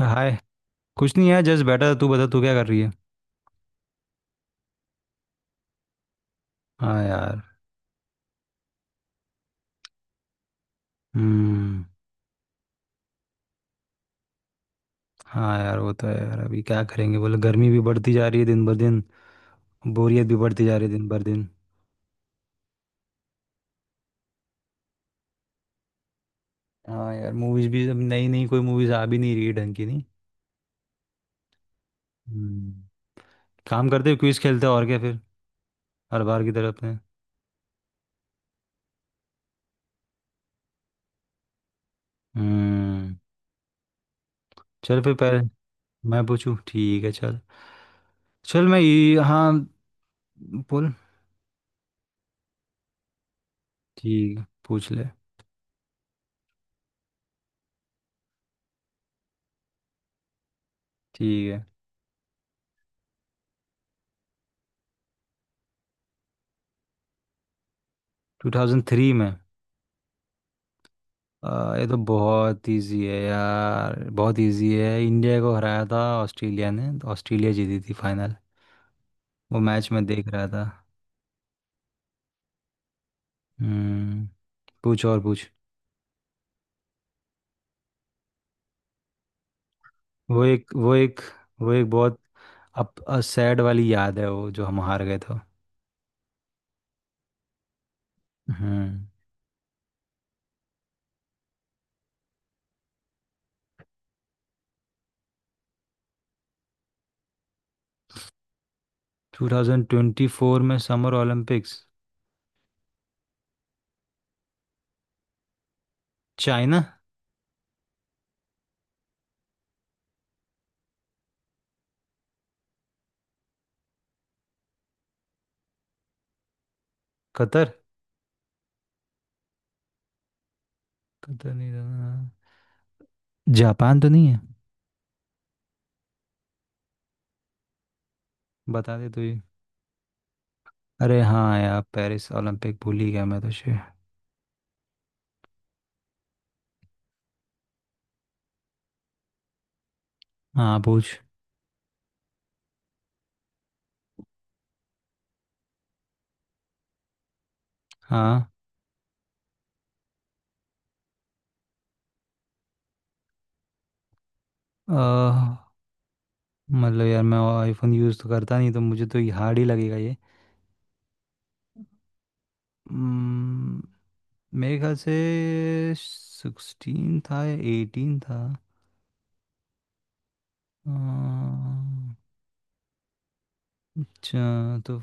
हाय। कुछ नहीं यार, जस्ट बैठा था। तू बता, तू क्या कर रही है? हाँ यार। हम्म। हाँ यार, वो तो है यार। अभी क्या करेंगे बोले, गर्मी भी बढ़ती जा रही है दिन भर दिन, बोरियत भी बढ़ती जा रही है दिन भर दिन। हाँ यार, मूवीज भी अब नई नई कोई मूवीज आ भी नहीं रही है ढंग की, नहीं। हम्म। काम करते, क्विज खेलते हैं, और क्या फिर हर बार की तरह अपने। हम्म। चल फिर पहले मैं पूछूं, ठीक है चल। चल मैं, ये हाँ, बोल। ठीक है, पूछ ले। ठीक है। 2003 में? ये तो बहुत इजी है यार। बहुत इजी है, इंडिया को हराया था ऑस्ट्रेलिया ने, तो ऑस्ट्रेलिया जीती थी फाइनल। वो मैच मैं देख रहा था। हम्म। पूछ और पूछ। वो एक वो एक वो एक बहुत अप सैड वाली याद है, वो जो हम हार गए थे। हम्म। 2024 में summer Olympics? China. Qatar? Qatar नहीं था? जापान तो नहीं है? बता दे तू ही। अरे हाँ यार, पेरिस ओलंपिक भूल ही गया मैं तुझे। हाँ पूछ। हाँ। अह, मतलब यार, मैं आईफोन यूज़ तो करता नहीं, तो मुझे तो ये हार्ड ही लगेगा ये। हम्म, मेरे ख्याल से सिक्सटीन था या एटीन था। अह, अच्छा तो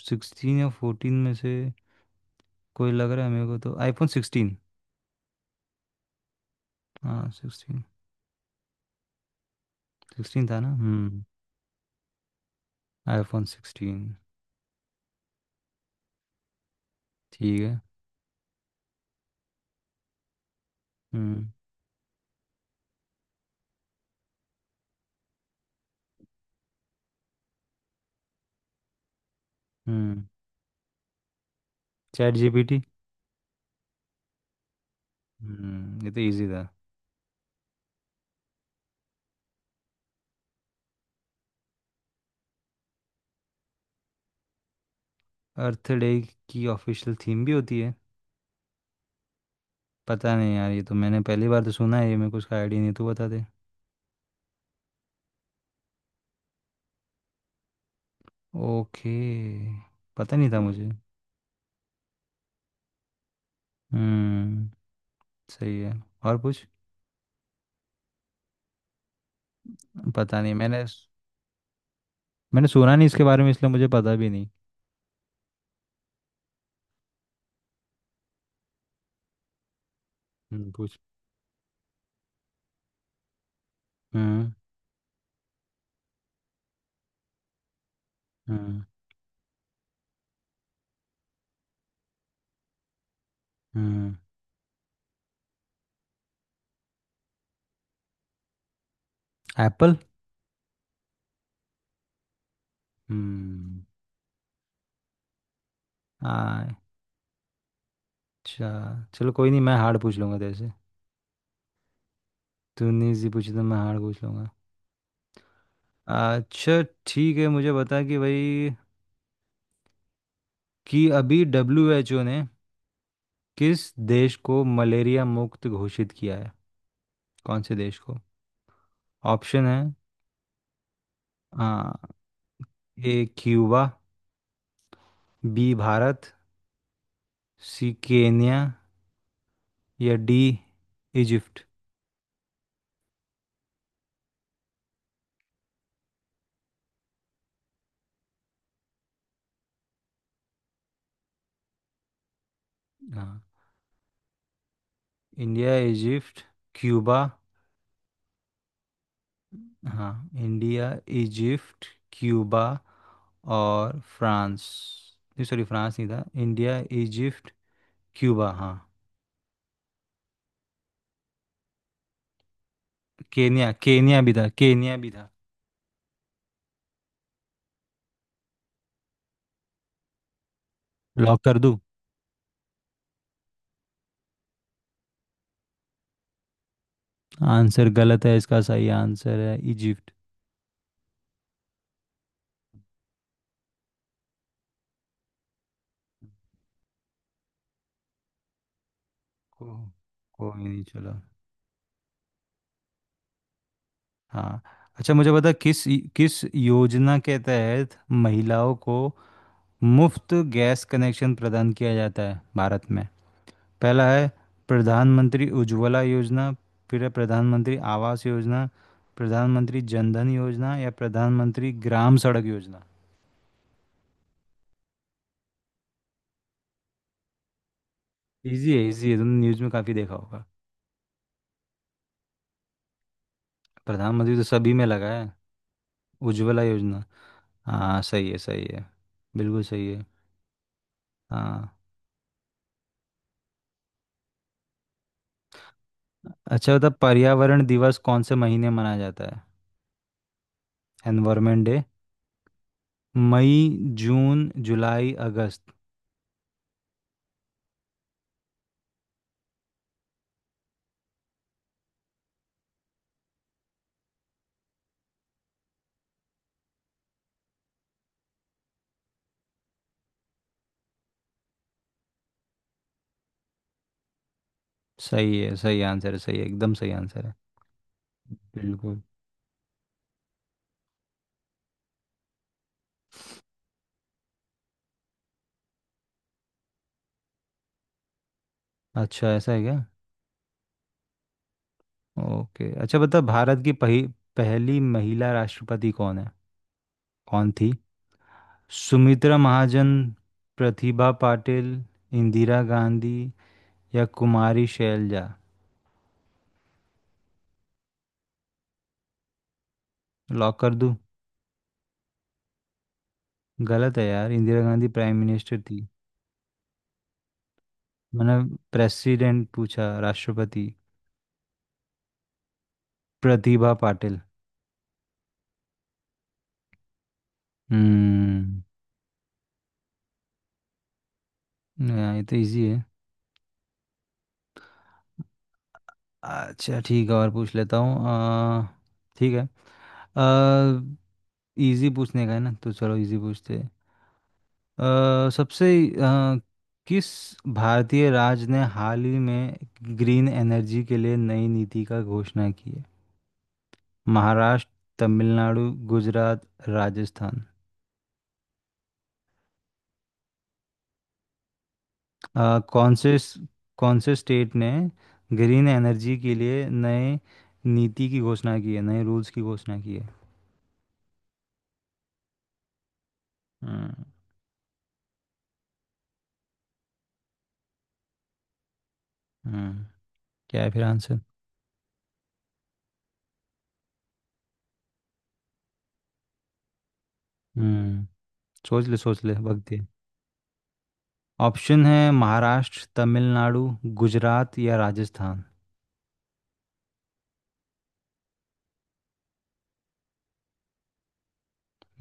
सिक्सटीन या फोर्टीन में से कोई लग रहा है मेरे को, तो आईफोन सिक्सटीन। हाँ सिक्सटीन। सिक्सटीन था ना। हम्म। IPhone sixteen. ठीक है। हम्म। हम्म। ChatGPT. हम्म, ये तो इजी था। अर्थ डे की ऑफिशियल थीम भी होती है? पता नहीं यार, ये तो मैंने पहली बार तो सुना है ये, मेरे को उसका आइडिया नहीं, तू बता दे। ओके। पता नहीं था मुझे। हम्म। सही है। और कुछ? पता नहीं, मैंने मैंने सुना नहीं इसके बारे में, इसलिए मुझे पता भी नहीं। पूछ। हम्म। हम्म। हम्म। एप्पल। हम्म। आ, अच्छा, चलो कोई नहीं, मैं हार्ड पूछ लूँगा तेरे से। तूने इजी पूछी, तो मैं हार्ड पूछ लूँगा। अच्छा ठीक है, मुझे बता कि भाई, कि अभी डब्ल्यू एच ओ ने किस देश को मलेरिया मुक्त घोषित किया है? कौन से देश को? ऑप्शन है। आ, A Cuba, B Bharat, C Kenya, या डी इजिप्ट। हाँ, इंडिया, इजिप्ट, क्यूबा। हाँ, इंडिया, इजिप्ट, क्यूबा, और फ्रांस, नहीं सॉरी फ्रांस नहीं था। इंडिया, इजिप्ट, क्यूबा, हाँ। केन्या, केन्या भी था, केन्या भी था। लॉक कर दूं? आंसर गलत है इसका, सही आंसर है इजिप्ट। को, कोई नहीं, चलो। हाँ, अच्छा मुझे बता, किस किस योजना के तहत महिलाओं को मुफ्त गैस कनेक्शन प्रदान किया जाता है भारत में? पहला है प्रधानमंत्री उज्ज्वला योजना, फिर है प्रधानमंत्री आवास योजना, प्रधानमंत्री जनधन योजना, या प्रधानमंत्री ग्राम सड़क योजना। इजी है, इजी है, तुमने न्यूज़ में काफ़ी देखा होगा। प्रधानमंत्री तो सभी में लगा है। उज्ज्वला योजना। हाँ सही है, सही है, बिल्कुल सही है। हाँ। अच्छा बता, पर्यावरण दिवस कौन से महीने मनाया जाता है, एनवायरमेंट डे? मई, जून, जुलाई, अगस्त। सही है, सही आंसर है, सही है, एकदम सही आंसर है। बिल्कुल। अच्छा, ऐसा है क्या? ओके। अच्छा बता, भारत की पहली महिला राष्ट्रपति कौन है, कौन थी? सुमित्रा महाजन, प्रतिभा पाटिल, इंदिरा गांधी, या कुमारी शैलजा। लॉक कर दूं? गलत है यार, इंदिरा गांधी प्राइम मिनिस्टर थी। मैंने प्रेसिडेंट पूछा, राष्ट्रपति। प्रतिभा पाटिल। हम्म। ये तो इजी है। अच्छा ठीक है, और पूछ लेता हूँ। ठीक है, इजी पूछने का है ना, तो चलो इजी पूछते हैं। आ, सबसे आ, किस भारतीय राज्य ने हाल ही में ग्रीन एनर्जी के लिए नई नीति का घोषणा की है? महाराष्ट्र, तमिलनाडु, गुजरात, राजस्थान। कौन से, कौन से स्टेट ने ग्रीन एनर्जी के लिए नए नीति की घोषणा की है, नए रूल्स की घोषणा की है? हम्म। हम्म, क्या है फिर आंसर? हम्म, सोच ले सोच ले, वक्त दे। ऑप्शन है महाराष्ट्र, तमिलनाडु, गुजरात, या राजस्थान।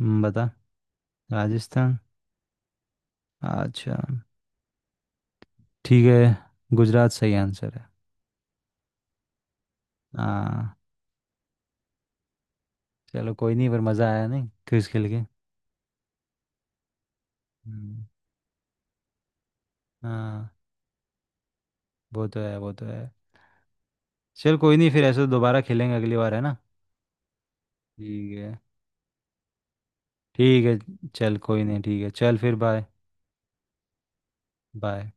बता। राजस्थान? अच्छा, ठीक है, गुजरात सही आंसर है। हाँ। चलो कोई नहीं, पर मज़ा आया नहीं क्विज खेल के? हम्म, हाँ, वो तो है, वो तो है। चल कोई नहीं, फिर ऐसे तो दोबारा खेलेंगे अगली बार, है ना? ठीक है, ठीक है। चल कोई नहीं, ठीक है, चल फिर बाय। बाय।